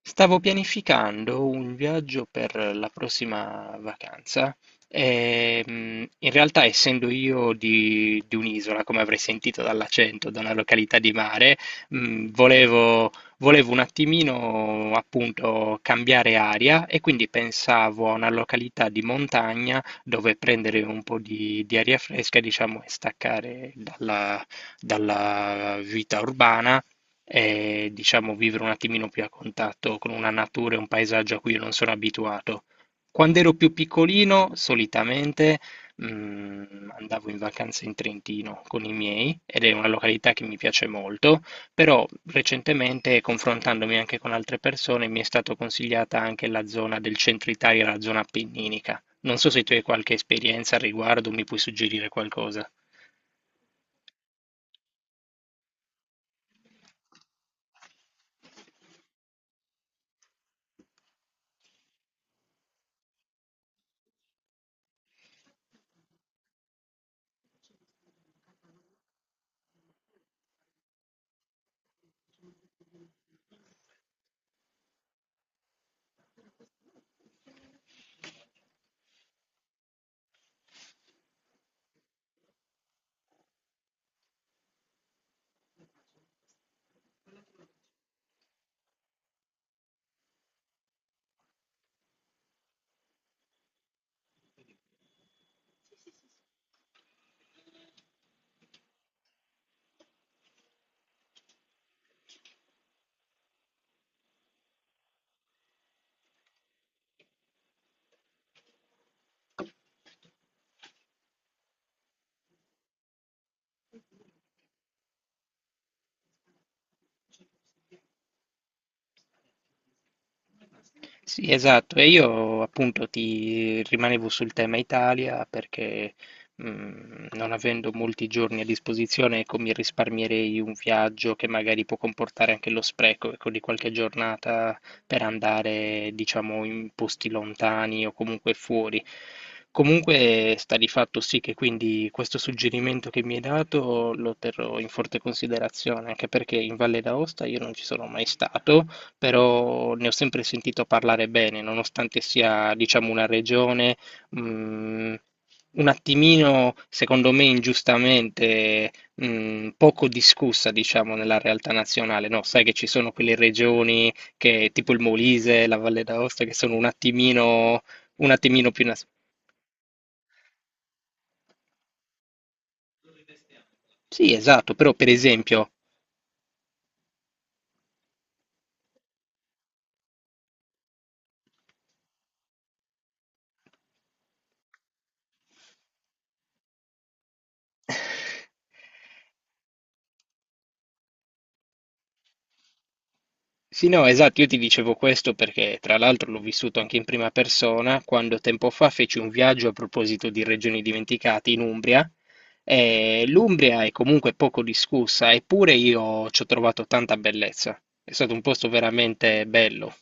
Stavo pianificando un viaggio per la prossima vacanza e in realtà essendo io di un'isola, come avrei sentito dall'accento, da una località di mare, mm, volevo, volevo un attimino appunto cambiare aria e quindi pensavo a una località di montagna dove prendere un po' di aria fresca, diciamo, e staccare dalla vita urbana e diciamo vivere un attimino più a contatto con una natura e un paesaggio a cui io non sono abituato. Quando ero più piccolino, solitamente andavo in vacanza in Trentino con i miei ed è una località che mi piace molto, però recentemente, confrontandomi anche con altre persone, mi è stata consigliata anche la zona del centro Italia, la zona appenninica. Non so se tu hai qualche esperienza al riguardo, mi puoi suggerire qualcosa. Sì, esatto, e io appunto ti rimanevo sul tema Italia perché non avendo molti giorni a disposizione, ecco, mi risparmierei un viaggio che magari può comportare anche lo spreco, ecco, di qualche giornata per andare, diciamo, in posti lontani o comunque fuori. Comunque sta di fatto sì che quindi questo suggerimento che mi hai dato lo terrò in forte considerazione, anche perché in Valle d'Aosta io non ci sono mai stato però ne ho sempre sentito parlare bene, nonostante sia, diciamo, una regione, mh, un attimino, secondo me, ingiustamente, poco discussa, diciamo, nella realtà nazionale, no? Sai che ci sono quelle regioni che, tipo il Molise, la Valle d'Aosta, che sono un attimino più... Sì, esatto, però per esempio... Sì, no, esatto, io ti dicevo questo perché tra l'altro l'ho vissuto anche in prima persona quando tempo fa feci un viaggio a proposito di regioni dimenticate in Umbria. E L'Umbria è comunque poco discussa, eppure io ci ho trovato tanta bellezza. È stato un posto veramente bello.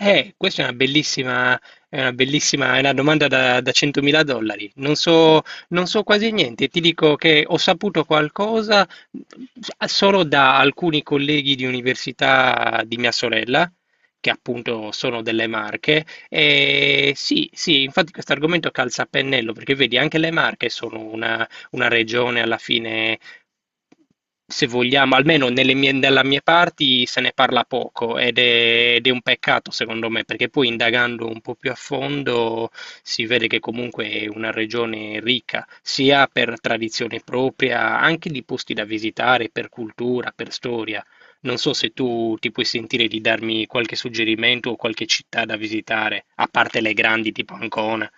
Questa è una bellissima, è una bellissima, è una domanda da 100.000 dollari. Non so quasi niente, ti dico che ho saputo qualcosa solo da alcuni colleghi di università di mia sorella, che appunto sono delle Marche. E sì, sì, infatti questo argomento calza a pennello, perché vedi, anche le Marche sono una regione alla fine se vogliamo, almeno nella mia parte se ne parla poco ed è un peccato secondo me, perché poi indagando un po' più a fondo si vede che comunque è una regione ricca, sia per tradizione propria, anche di posti da visitare, per cultura, per storia. Non so se tu ti puoi sentire di darmi qualche suggerimento o qualche città da visitare, a parte le grandi tipo Ancona.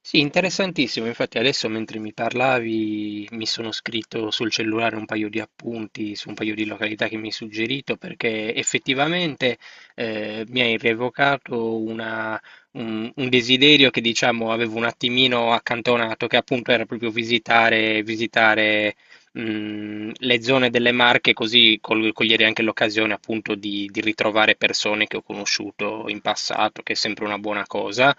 Sì, interessantissimo. Infatti adesso mentre mi parlavi mi sono scritto sul cellulare un paio di appunti su un paio di località che mi hai suggerito perché effettivamente mi hai rievocato un desiderio che diciamo avevo un attimino accantonato, che appunto era proprio visitare le zone delle Marche, così cogliere anche l'occasione appunto di ritrovare persone che ho conosciuto in passato, che è sempre una buona cosa.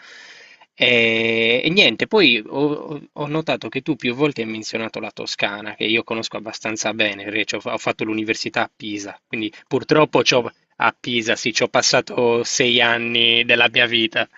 E niente, ho notato che tu più volte hai menzionato la Toscana, che io conosco abbastanza bene, perché ho fatto l'università a Pisa, quindi purtroppo a Pisa, sì, ci ho passato sei anni della mia vita.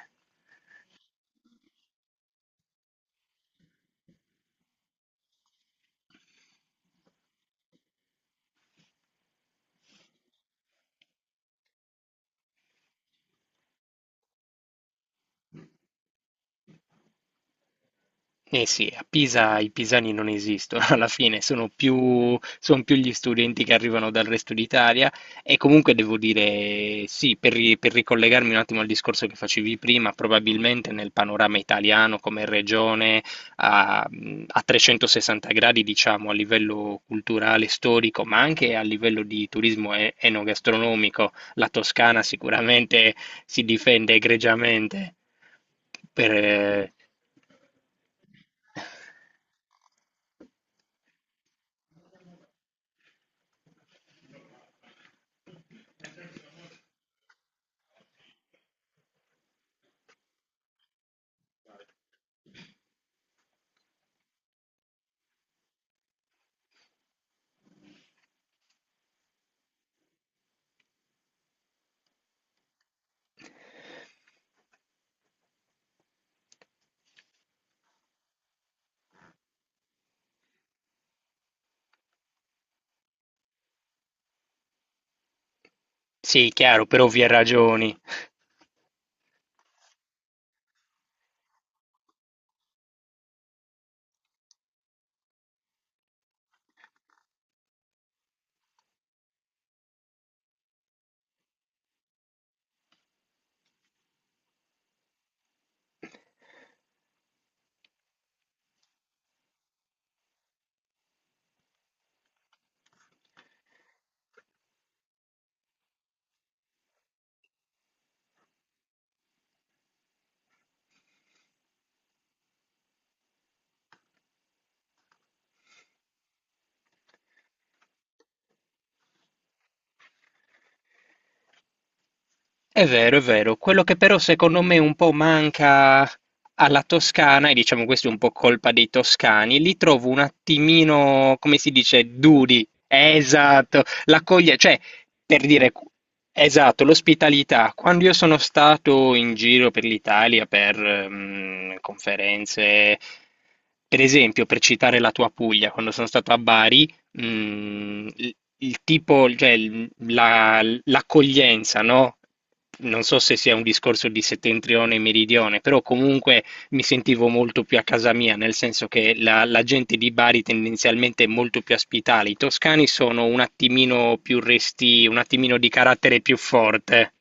Eh sì, a Pisa i pisani non esistono, alla fine sono più, son più gli studenti che arrivano dal resto d'Italia e comunque devo dire sì, per ricollegarmi un attimo al discorso che facevi prima, probabilmente nel panorama italiano come regione a, a 360 gradi, diciamo, a livello culturale, storico, ma anche a livello di turismo enogastronomico, la Toscana sicuramente si difende egregiamente per, eh, sì, chiaro, per ovvie ragioni. È vero, è vero. Quello che però secondo me un po' manca alla Toscana, e diciamo questo è un po' colpa dei toscani, li trovo un attimino, come si dice, duri. Esatto, l'accoglie, cioè, per dire, esatto, l'ospitalità. Quando io sono stato in giro per l'Italia per conferenze, per esempio, per citare la tua Puglia, quando sono stato a Bari, il tipo, cioè l'accoglienza, no? Non so se sia un discorso di settentrione e meridione, però comunque mi sentivo molto più a casa mia, nel senso che la gente di Bari tendenzialmente è molto più ospitale. I toscani sono un attimino più resti, un attimino di carattere più forte.